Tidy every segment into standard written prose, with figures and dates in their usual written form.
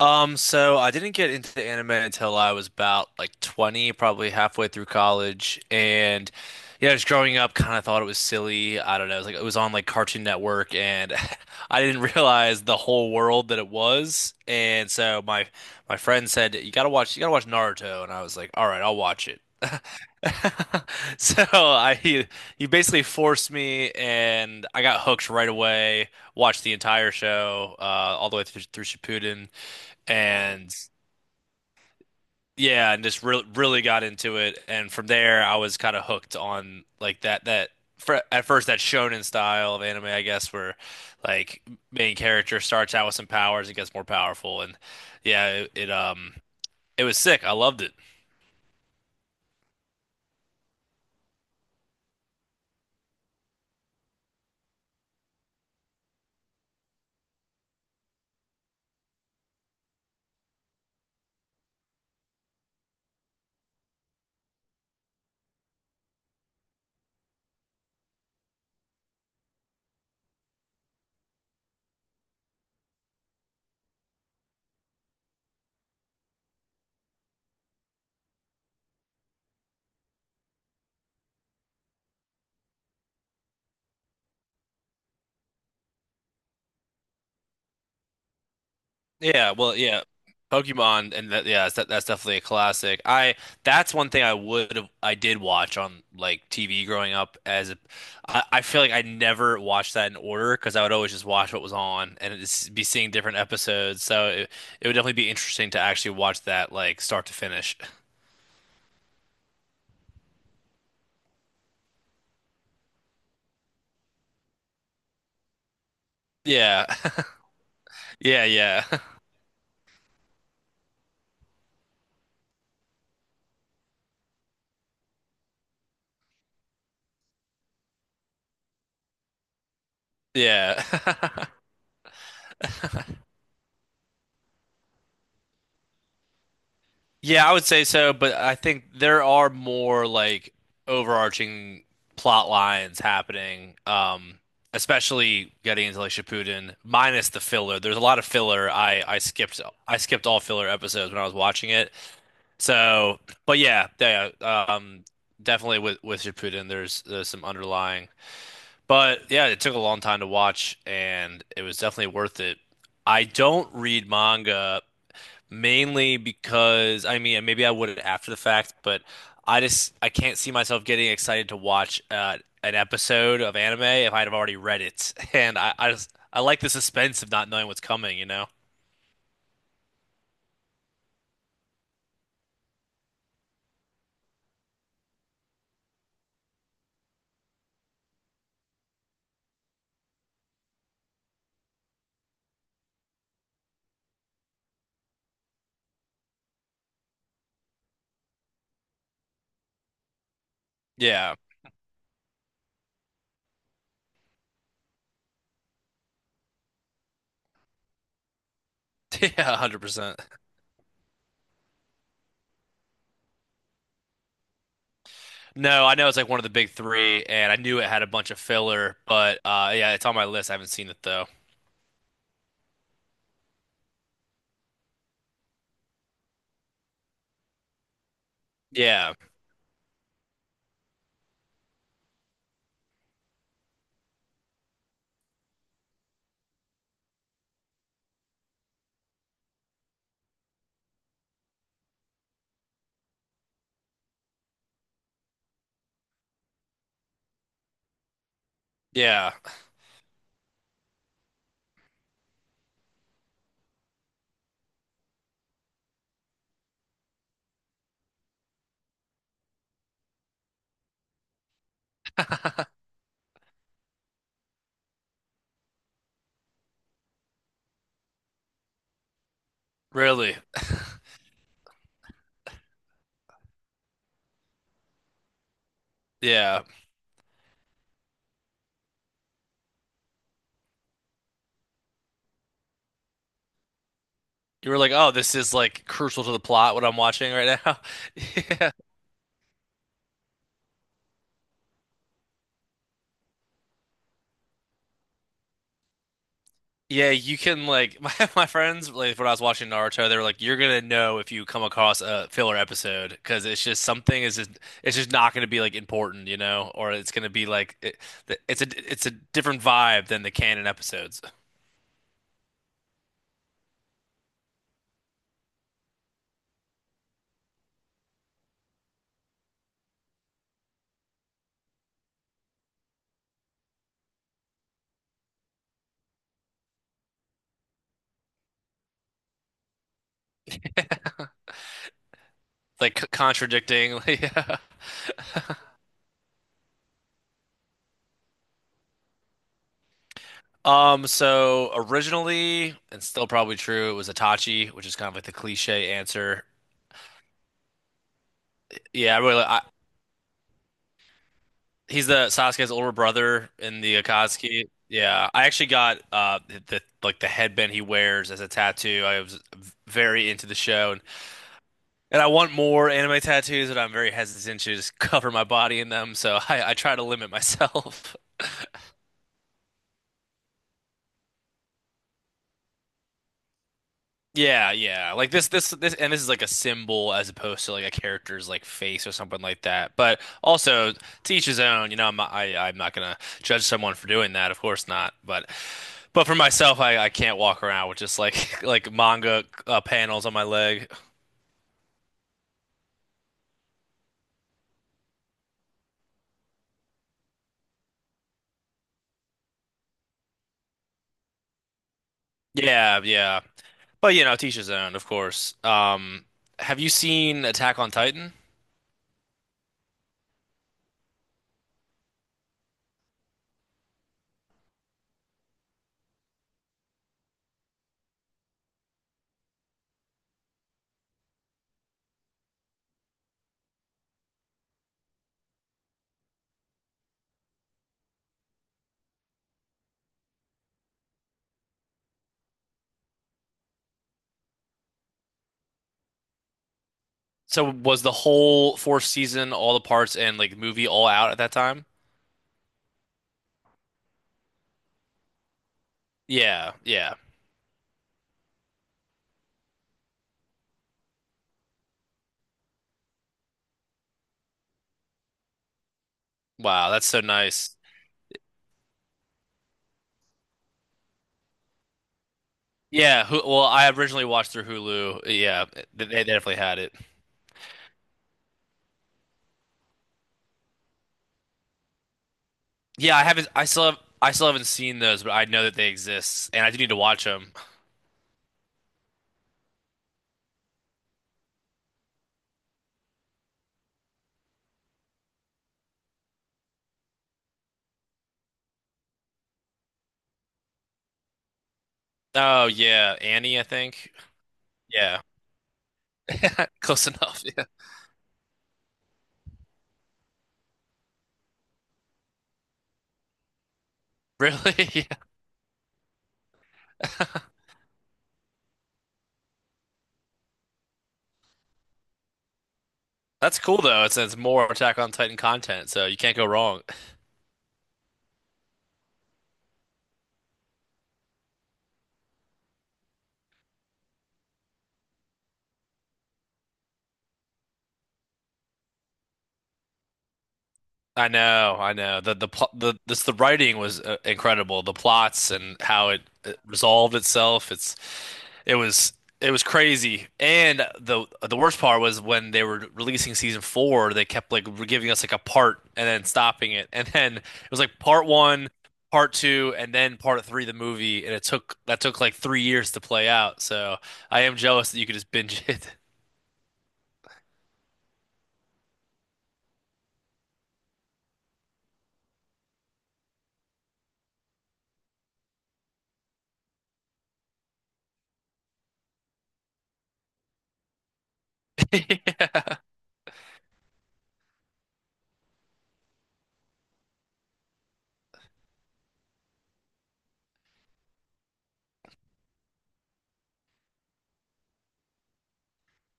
So I didn't get into the anime until I was about like 20, probably halfway through college. And yeah, just growing up, kind of thought it was silly. I don't know. It was like it was on like Cartoon Network, and I didn't realize the whole world that it was. And so my friend said, you gotta watch Naruto," and I was like, "All right, I'll watch it." So I he, he basically forced me, and I got hooked right away. Watched the entire show, all the way through, through Shippuden and yeah, and just re really got into it. And from there, I was kind of hooked on like that fr at first that shonen style of anime, I guess, where like main character starts out with some powers and gets more powerful. And yeah, it it was sick. I loved it. Yeah, well, yeah, Pokemon, and that, yeah, that's definitely a classic. I That's one thing I would have I did watch on like TV growing up I feel like I never watched that in order because I would always just watch what was on be seeing different episodes. It would definitely be interesting to actually watch that like start to finish. Yeah, yeah, yeah, yeah. Yeah, I would say so, but I think there are more like overarching plot lines happening, especially getting into like Shippuden, minus the filler. There's a lot of filler. I skipped I skipped all filler episodes when I was watching it. So, but yeah, yeah, definitely with Shippuden, there's some underlying. But yeah, it took a long time to watch, and it was definitely worth it. I don't read manga. Mainly because I mean, maybe I would after the fact, but I just I can't see myself getting excited to watch an episode of anime if I'd have already read it, and I just I like the suspense of not knowing what's coming, you know? Yeah, yeah, 100%. No, I know it's like one of the big three, and I knew it had a bunch of filler, but yeah, it's on my list. I haven't seen it though. Yeah, yeah, really, yeah. You were like, oh, this is like crucial to the plot what I'm watching right now. Yeah. Yeah, you can like my friends like when I was watching Naruto, they were like, "You're gonna know if you come across a filler episode because it's just something is just it's just not gonna be like important, you know, or it's gonna be like it's a different vibe than the canon episodes, contradicting." yeah. So originally, and still probably true, it was Itachi, which is kind of like the cliche answer. Yeah, he's the Sasuke's older brother in the Akatsuki. Yeah, I actually got the like the headband he wears as a tattoo. I was very into the show, and I want more anime tattoos, but I'm very hesitant to just cover my body in them. So I try to limit myself. Yeah, yeah. Like this, and this is like a symbol as opposed to like a character's like face or something like that. But also, to each his own. You know, I'm not gonna judge someone for doing that. Of course not. But for myself, I can't walk around with just like like manga panels on my leg. Yeah, yeah. But you know, to each his own, of course. Have you seen Attack on Titan? So was the whole fourth season, all the parts and like movie all out at that time? Yeah, yeah. Wow, that's so nice. Yeah, well, I originally watched through Hulu. Yeah, they definitely had it. Yeah, I haven't. I still have. I still haven't seen those, but I know that they exist, and I do need to watch them. Oh yeah, Annie, I think. Yeah, close enough. Yeah, really. Yeah. That's cool though. It's more Attack on Titan content, so you can't go wrong. I know, I know. The writing was incredible. The plots and how it resolved itself. It was it was crazy. And the worst part was when they were releasing season four, they kept like giving us like a part and then stopping it. And then it was like part one, part two, and then part three, the movie. And it took that took like 3 years to play out. So I am jealous that you could just binge it.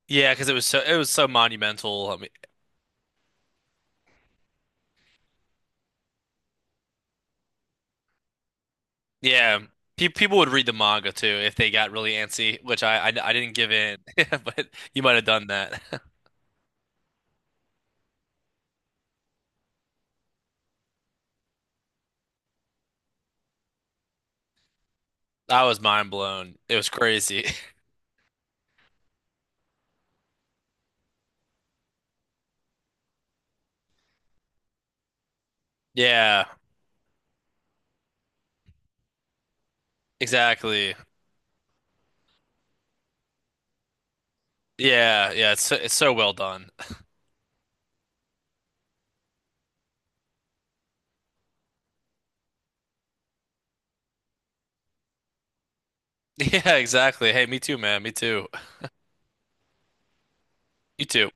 Yeah, because it was so monumental. Yeah, pe people would read the manga too if they got really antsy, which I didn't give in, yeah, but you might have done that. I was mind blown. It was crazy. Yeah, exactly. Yeah, yeah. It's so well done. Yeah, exactly. Hey, me too, man. Me too. You too.